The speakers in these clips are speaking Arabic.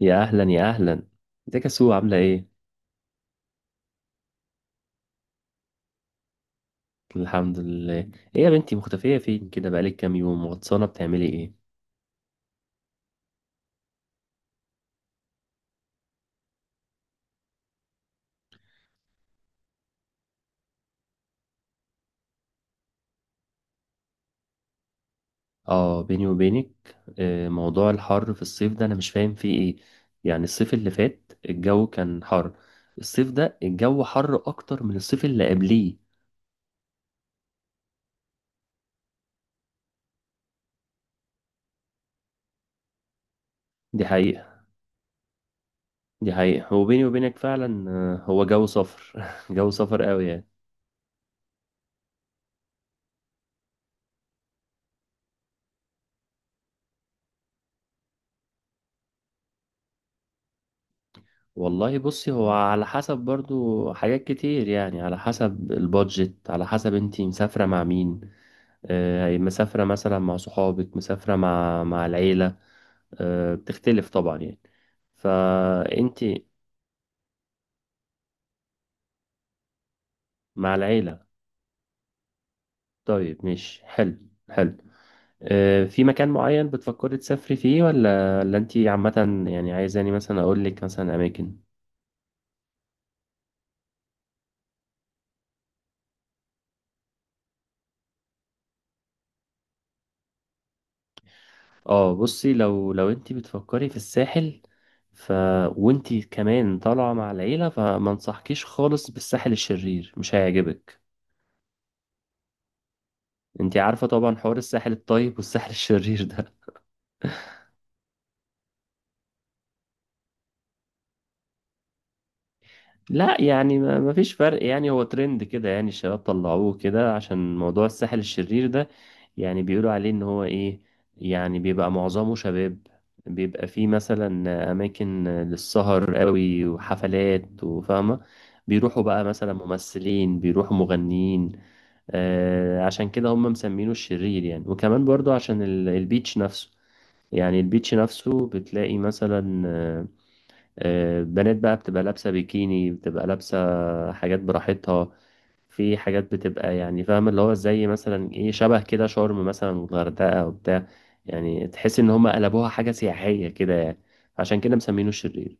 يا اهلا يا اهلا، ازيك يا سو؟ عامله ايه؟ الحمد لله. ايه يا بنتي مختفيه فين كده؟ بقالك كام يوم غطسانه بتعملي ايه؟ اه، بيني وبينك، موضوع الحر في الصيف ده انا مش فاهم فيه ايه. يعني الصيف اللي فات الجو كان حر، الصيف ده الجو حر اكتر من الصيف اللي قبليه. دي حقيقه. دي حقيقه وبيني وبينك فعلا هو جو صفر. جو صفر قوي يعني. والله بصي، هو على حسب برضو حاجات كتير، يعني على حسب البادجت، على حسب انتي مسافرة مع مين. مسافرة مثلا مع صحابك، مسافرة مع العيلة؟ بتختلف طبعا يعني. فانتي مع العيلة؟ طيب مش حلو، حلو. في مكان معين بتفكري تسافري فيه ولا انتي عامة يعني عايزاني مثلا اقولك مثلا اماكن؟ اه، بصي لو انت بتفكري في الساحل، ف وانت كمان طالعه مع العيله، فما انصحكيش خالص بالساحل الشرير، مش هيعجبك. انت عارفه طبعا حوار الساحل الطيب والساحل الشرير ده. لا يعني ما فيش فرق، يعني هو ترند كده، يعني الشباب طلعوه كده. عشان موضوع الساحل الشرير ده، يعني بيقولوا عليه ان هو ايه، يعني بيبقى معظمه شباب، بيبقى فيه مثلا اماكن للسهر قوي وحفلات وفاهمة. بيروحوا بقى مثلا ممثلين، بيروحوا مغنيين. عشان كده هم مسمينه الشرير يعني. وكمان برضو عشان البيتش نفسه، يعني البيتش نفسه بتلاقي مثلا بنات بقى بتبقى لابسة بيكيني، بتبقى لابسة حاجات براحتها. في حاجات بتبقى يعني فاهم اللي هو زي مثلا ايه، شبه كده شرم مثلا والغردقة وبتاع، يعني تحس ان هم قلبوها حاجة سياحية كده يعني. عشان كده مسمينه الشرير.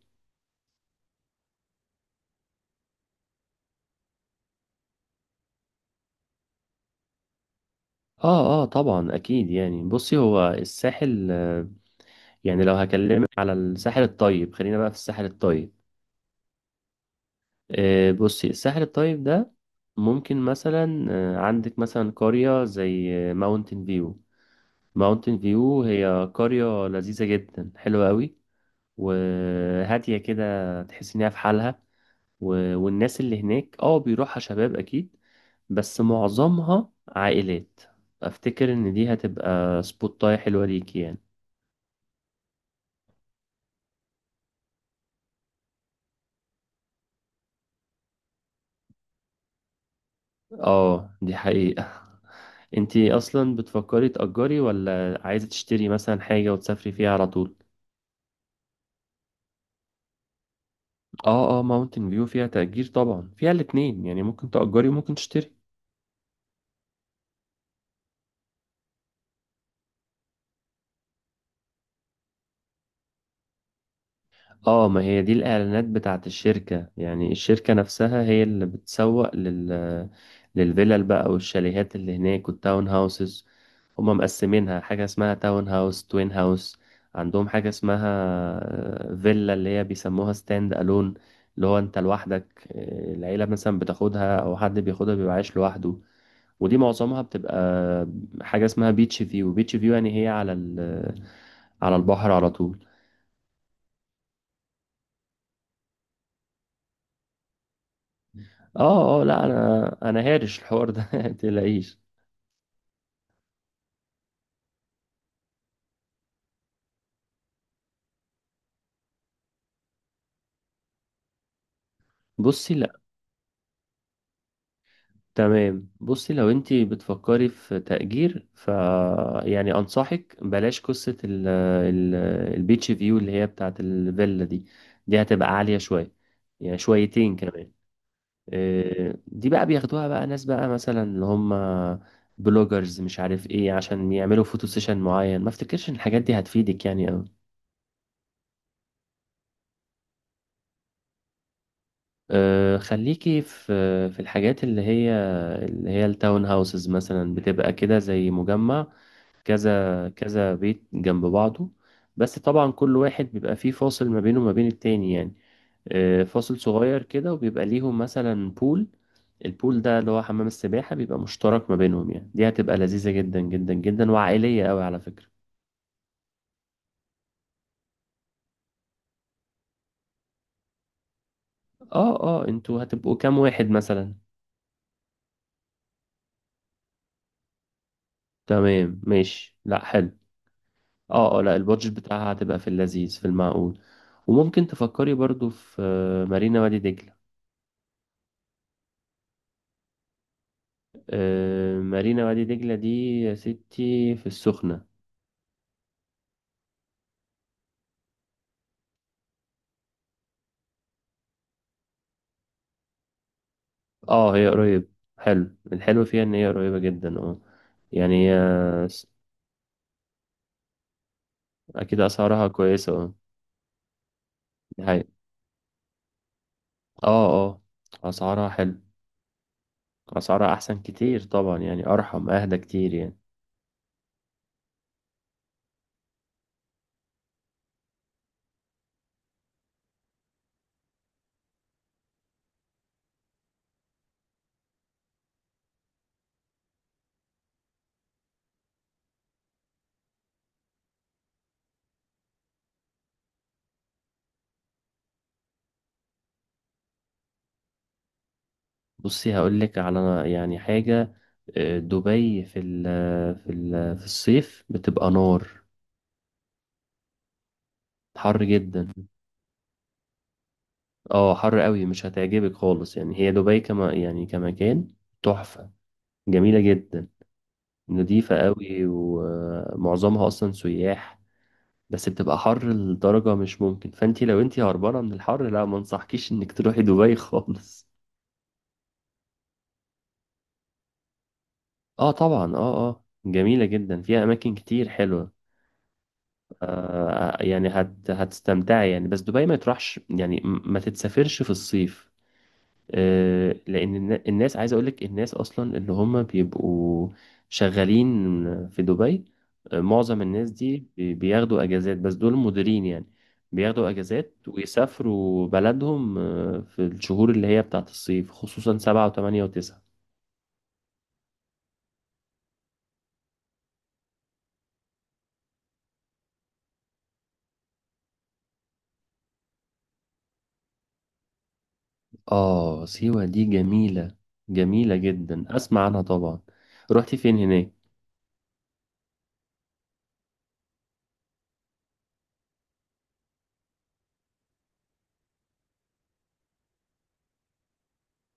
اه اه طبعا اكيد يعني. بصي هو الساحل يعني لو هكلمك على الساحل الطيب، خلينا بقى في الساحل الطيب. بصي الساحل الطيب ده ممكن مثلا عندك مثلا قرية زي ماونتن فيو. ماونتن فيو هي قرية لذيذة جدا، حلوة قوي وهادية كده، تحس إنها في حالها. والناس اللي هناك اه بيروحها شباب أكيد، بس معظمها عائلات. أفتكر إن دي هتبقى سبوتاية حلوة ليكي يعني. اه دي حقيقة. انتي أصلا بتفكري تأجري ولا عايزة تشتري مثلا حاجة وتسافري فيها على طول؟ اه اه ماونتن فيو فيها تأجير طبعا، فيها الاتنين، يعني ممكن تأجري وممكن تشتري. اه ما هي دي الإعلانات بتاعت الشركة، يعني الشركة نفسها هي اللي بتسوق للفيلل بقى والشاليهات اللي هناك والتاون هاوسز. هما مقسمينها حاجة اسمها تاون هاوس، توين هاوس. عندهم حاجة اسمها فيلا اللي هي بيسموها ستاند ألون، اللي هو انت لوحدك. العيلة مثلا بتاخدها أو حد بياخدها بيبقى عايش لوحده. ودي معظمها بتبقى حاجة اسمها بيتش فيو. بيتش فيو يعني هي على على البحر على طول. اه اه لا انا هارش الحوار ده. متقلقيش. بصي لا، تمام. بصي لو انت بتفكري في تأجير، يعني انصحك بلاش قصة ال البيتش فيو اللي هي بتاعه الفيلا دي، دي هتبقى عالية شوية، يعني شويتين كمان. إيه، دي بقى بياخدوها بقى ناس بقى مثلا اللي هم بلوجرز مش عارف ايه، عشان يعملوا فوتو سيشن معين. ما افتكرش ان الحاجات دي هتفيدك يعني. خليكي في في الحاجات اللي هي التاون هاوسز، مثلا بتبقى كده زي مجمع، كذا كذا بيت جنب بعضه. بس طبعا كل واحد بيبقى فيه فاصل ما بينه وما بين التاني يعني، فاصل صغير كده، وبيبقى ليهم مثلا بول. البول ده اللي هو حمام السباحة، بيبقى مشترك ما بينهم يعني. دي هتبقى لذيذة جدا جدا جدا وعائلية قوي على فكرة. اه اه انتوا هتبقوا كام واحد مثلا؟ تمام ماشي، لا حلو. اه اه لا البادجت بتاعها هتبقى في اللذيذ، في المعقول. وممكن تفكري برضو في مارينا وادي دجلة. مارينا وادي دجلة دي يا ستي في السخنة. اه هي قريب، حلو. الحلو فيها ان هي قريبة جدا اه، يعني هي س- اكيد اسعارها كويسة اه. دي حقيقة. اه اه اسعارها حلو، اسعارها احسن كتير طبعا يعني، ارحم اهدى كتير يعني. بصي هقولك على يعني حاجة. دبي في ال في الصيف بتبقى نار، حر جدا. اه حر قوي، مش هتعجبك خالص يعني. هي دبي كما يعني كمكان تحفة، جميلة جدا، نظيفة قوي، ومعظمها اصلا سياح. بس بتبقى حر لدرجة مش ممكن. فانتي لو انتي هربانة من الحر، لا ما انصحكيش انك تروحي دبي خالص. اه طبعا اه اه جميلة جدا، فيها أماكن كتير حلوة. آه يعني هتستمتعي يعني. بس دبي ما تروحش يعني، ما تتسافرش في الصيف. لان الناس، عايز اقول لك الناس اصلا اللي هم بيبقوا شغالين في دبي، معظم الناس دي بياخدوا اجازات، بس دول مديرين يعني. بياخدوا اجازات ويسافروا بلدهم في الشهور اللي هي بتاعت الصيف، خصوصا سبعة وثمانية وتسعة. اه سيوة دي جميلة، جميلة جدا، اسمع عنها طبعا. رحتي فين هناك؟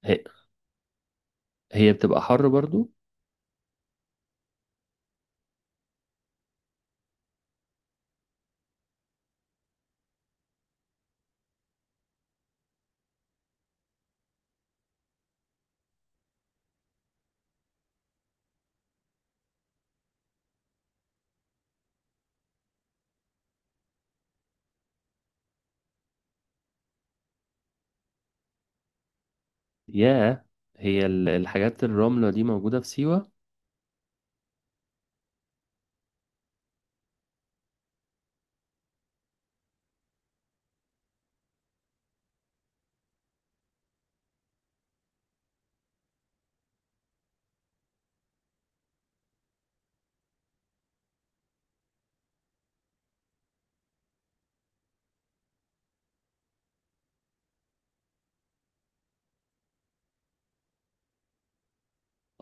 هي هي بتبقى حر برضو. ياه، الحاجات الرملة دي موجودة في سيوة؟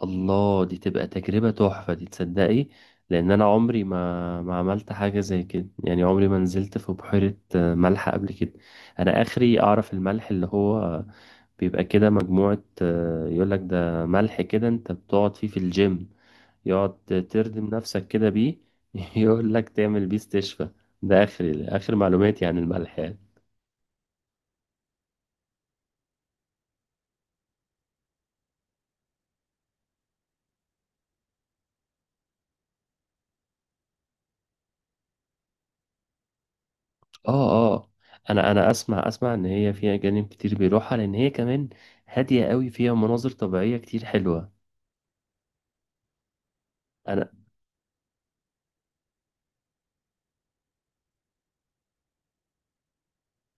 الله، دي تبقى تجربة تحفة دي تصدقي. لأن أنا عمري ما عملت حاجة زي كده، يعني عمري ما نزلت في بحيرة ملح قبل كده. أنا آخري أعرف الملح اللي هو بيبقى كده مجموعة، يقولك ده ملح كده، أنت بتقعد فيه في الجيم، يقعد تردم نفسك كده بيه. يقولك تعمل بيه استشفاء، ده آخري آخر معلوماتي عن الملح يعني. اه اه انا اسمع ان هي فيها جانب كتير بيروحها، لان هي كمان هاديه قوي، فيها مناظر طبيعيه كتير حلوه. انا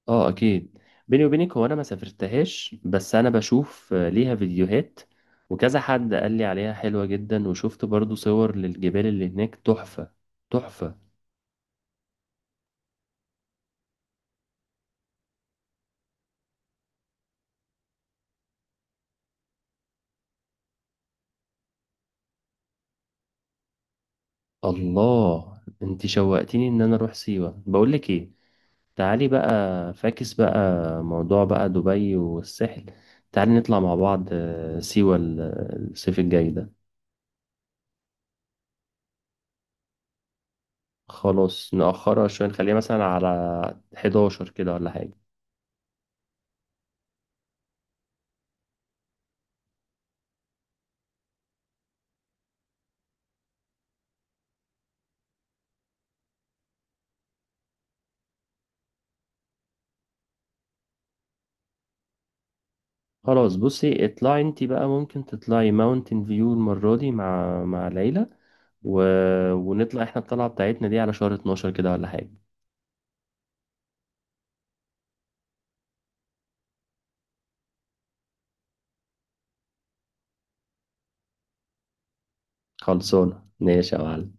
اه اكيد. بيني وبينك هو انا ما سافرتهاش، بس انا بشوف ليها فيديوهات وكذا حد قال لي عليها حلوه جدا، وشفت برضو صور للجبال اللي هناك تحفه، تحفه. الله انت شوقتيني ان انا اروح سيوه. بقول لك ايه، تعالي بقى، فاكس بقى موضوع بقى دبي والساحل، تعالي نطلع مع بعض سيوة الصيف الجاي ده. خلاص نأخرها شوية، نخليها مثلا على 11 كده ولا حاجة. خلاص بصي اطلعي انتي بقى، ممكن تطلعي ماونتن فيو المرة دي مع العيلة و... ونطلع احنا الطلعة بتاعتنا دي على شهر 12 كده ولا حاجة. خلصونا ماشي يا معلم.